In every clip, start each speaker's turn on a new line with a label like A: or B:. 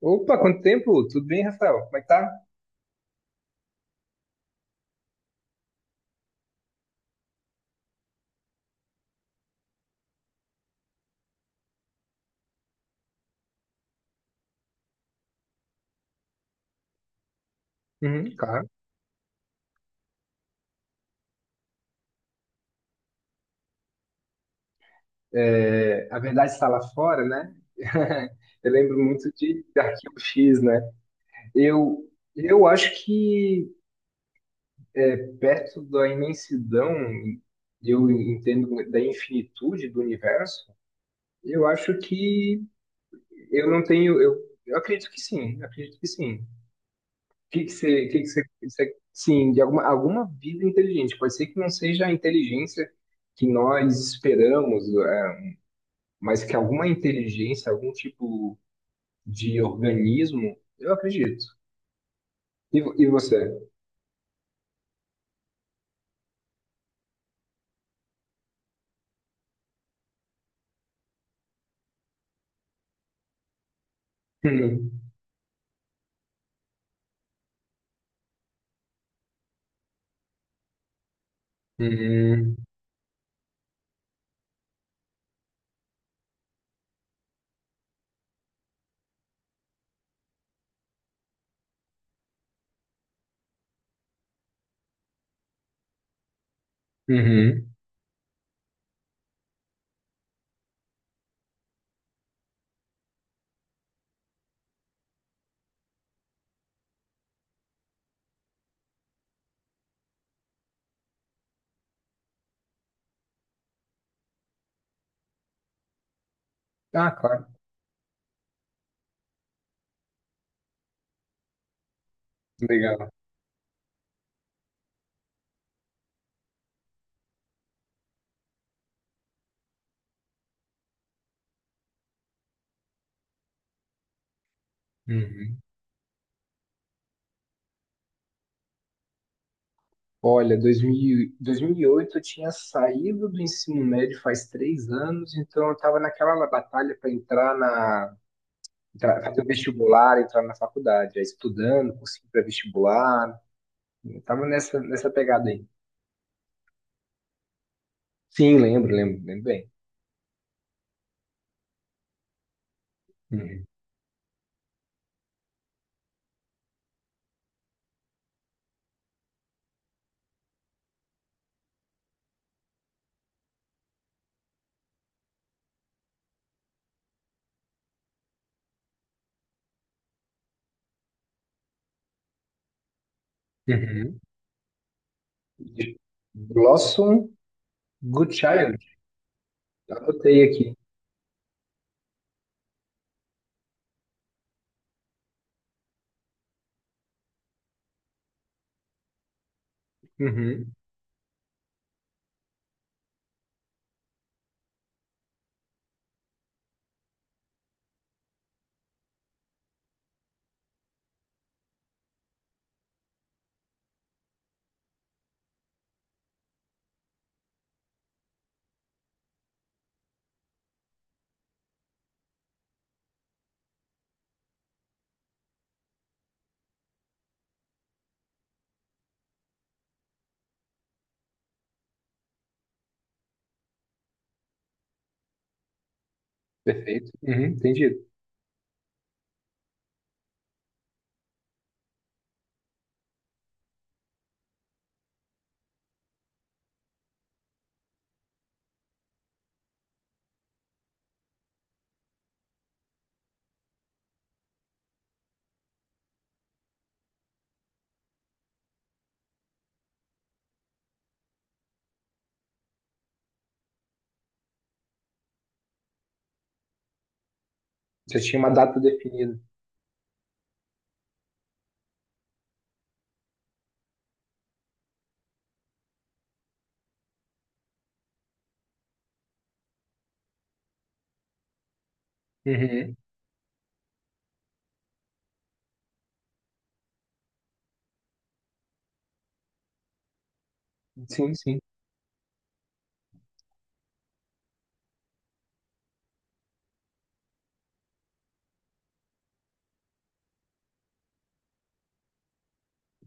A: Opa, quanto tempo? Tudo bem, Rafael? Como é que tá? Uhum, claro. É, a verdade está lá fora, né? Eu lembro muito de Arquivo X, né? Eu, eu acho que perto da imensidão, eu entendo da infinitude do universo, eu acho que eu não tenho. Eu acredito que sim, eu acredito que sim. O que que você, o que que você, sim, de alguma vida inteligente. Pode ser que não seja a inteligência que nós esperamos, é, mas que alguma inteligência, algum tipo de organismo, eu acredito. E, e você? Uhum. Uhum. Uhum. Ah, claro. Legal. Uhum. Olha, 2000, 2008 eu tinha saído do ensino médio faz três anos, então eu estava naquela batalha para entrar na, fazer o vestibular, entrar na faculdade, aí estudando, conseguir para vestibular, estava nessa pegada aí. Sim, lembro, lembro, lembro bem. Uhum. Uhum. Blossom Goodchild. Anotei aqui. Uhum. Perfeito. Uhum, entendido. Você tinha uma data definida. Uhum. Sim, sim.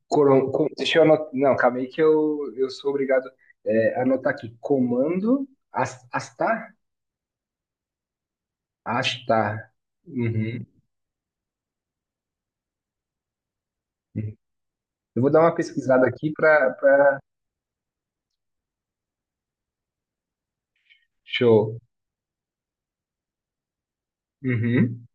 A: Deixa eu anotar. Não, calma aí que eu sou obrigado a anotar aqui. Comando Astar? Astar. Uhum. Uhum. Eu vou dar uma pesquisada aqui para. Pra... Show. Uhum.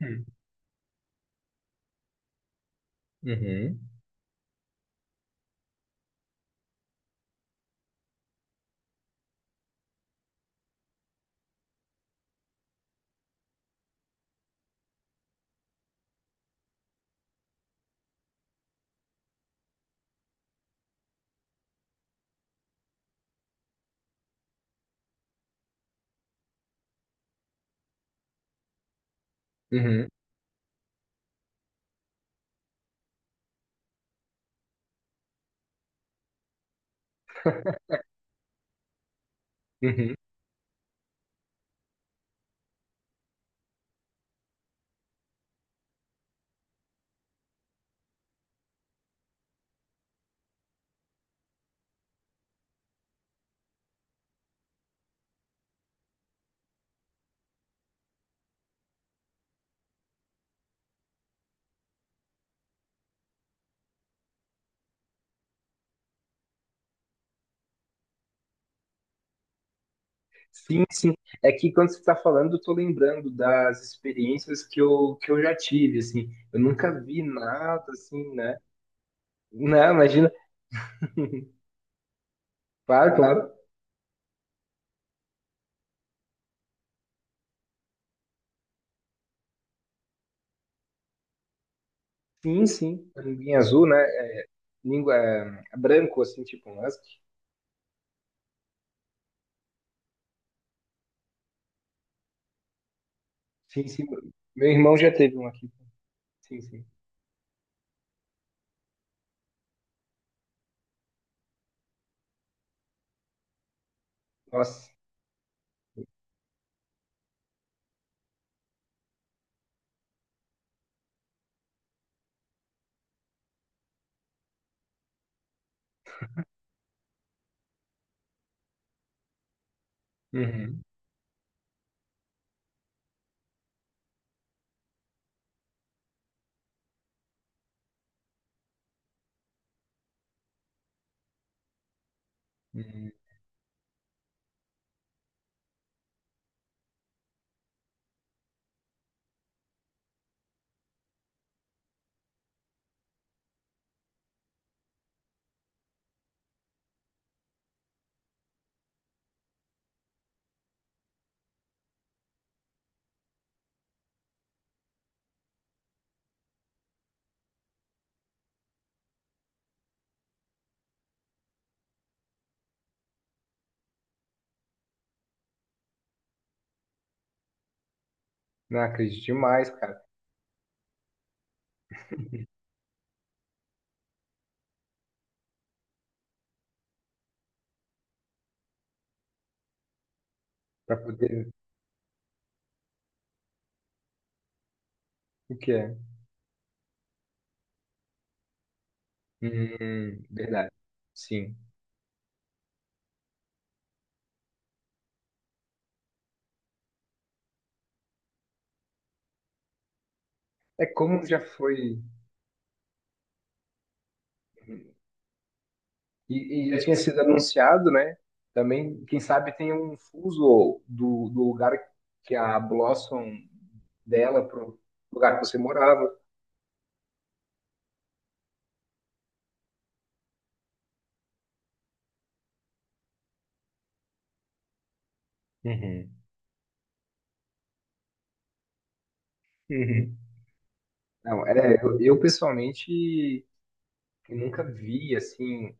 A: Uhum. Uhum. Uhum. Sim, sim. É que quando você está falando, eu tô lembrando das experiências que eu já tive, assim. Eu nunca vi nada, assim, né? Não, imagina. Claro, claro. Sim, sim. A Linguinha azul, né? Língua é, branco, assim, tipo um husky. Sim, sim. Meu irmão já teve um aqui. Sim, sim. Nossa. Uhum. Uhum. Não acredito demais, cara. Pra poder... O que é? Uhum. Verdade. Sim. É como já foi. E já tinha sido anunciado, né? Também, quem sabe tem um fuso do lugar que a Blossom dela pro lugar que você morava. Uhum. Uhum. Não, é, eu pessoalmente nunca vi, assim,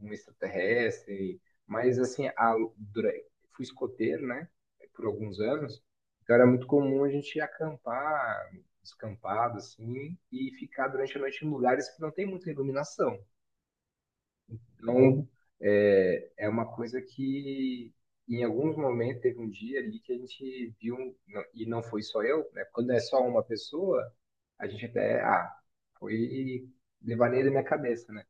A: um extraterrestre, mas, assim, a, fui escoteiro, né, por alguns anos, então era muito comum a gente acampar, descampado, assim, e ficar durante a noite em lugares que não tem muita iluminação. Então, é, é uma coisa que em alguns momentos teve um dia ali que a gente viu, e não foi só eu, né? Quando é só uma pessoa, a gente até, ah, foi devaneio da minha cabeça, né?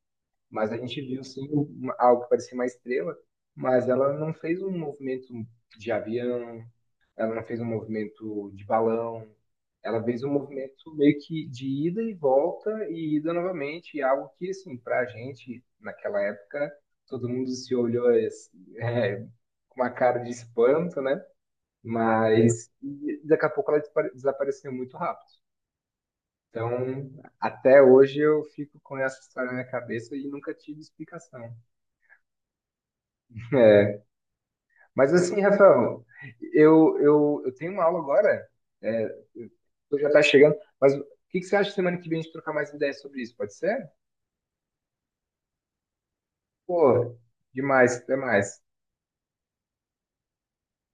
A: Mas a gente viu sim algo que parecia uma estrela, mas ela não fez um movimento de avião, ela não fez um movimento de balão, ela fez um movimento meio que de ida e volta e ida novamente, e algo que, assim, pra gente, naquela época, todo mundo se olhou assim, é, com uma cara de espanto, né? Mas e daqui a pouco ela desapareceu muito rápido. Então, até hoje eu fico com essa história na minha cabeça e nunca tive explicação. É. Mas assim, Rafael, eu tenho uma aula agora, é, eu já tá chegando, mas o que que você acha semana que vem a gente trocar mais ideias sobre isso? Pode ser? Pô, demais, até mais.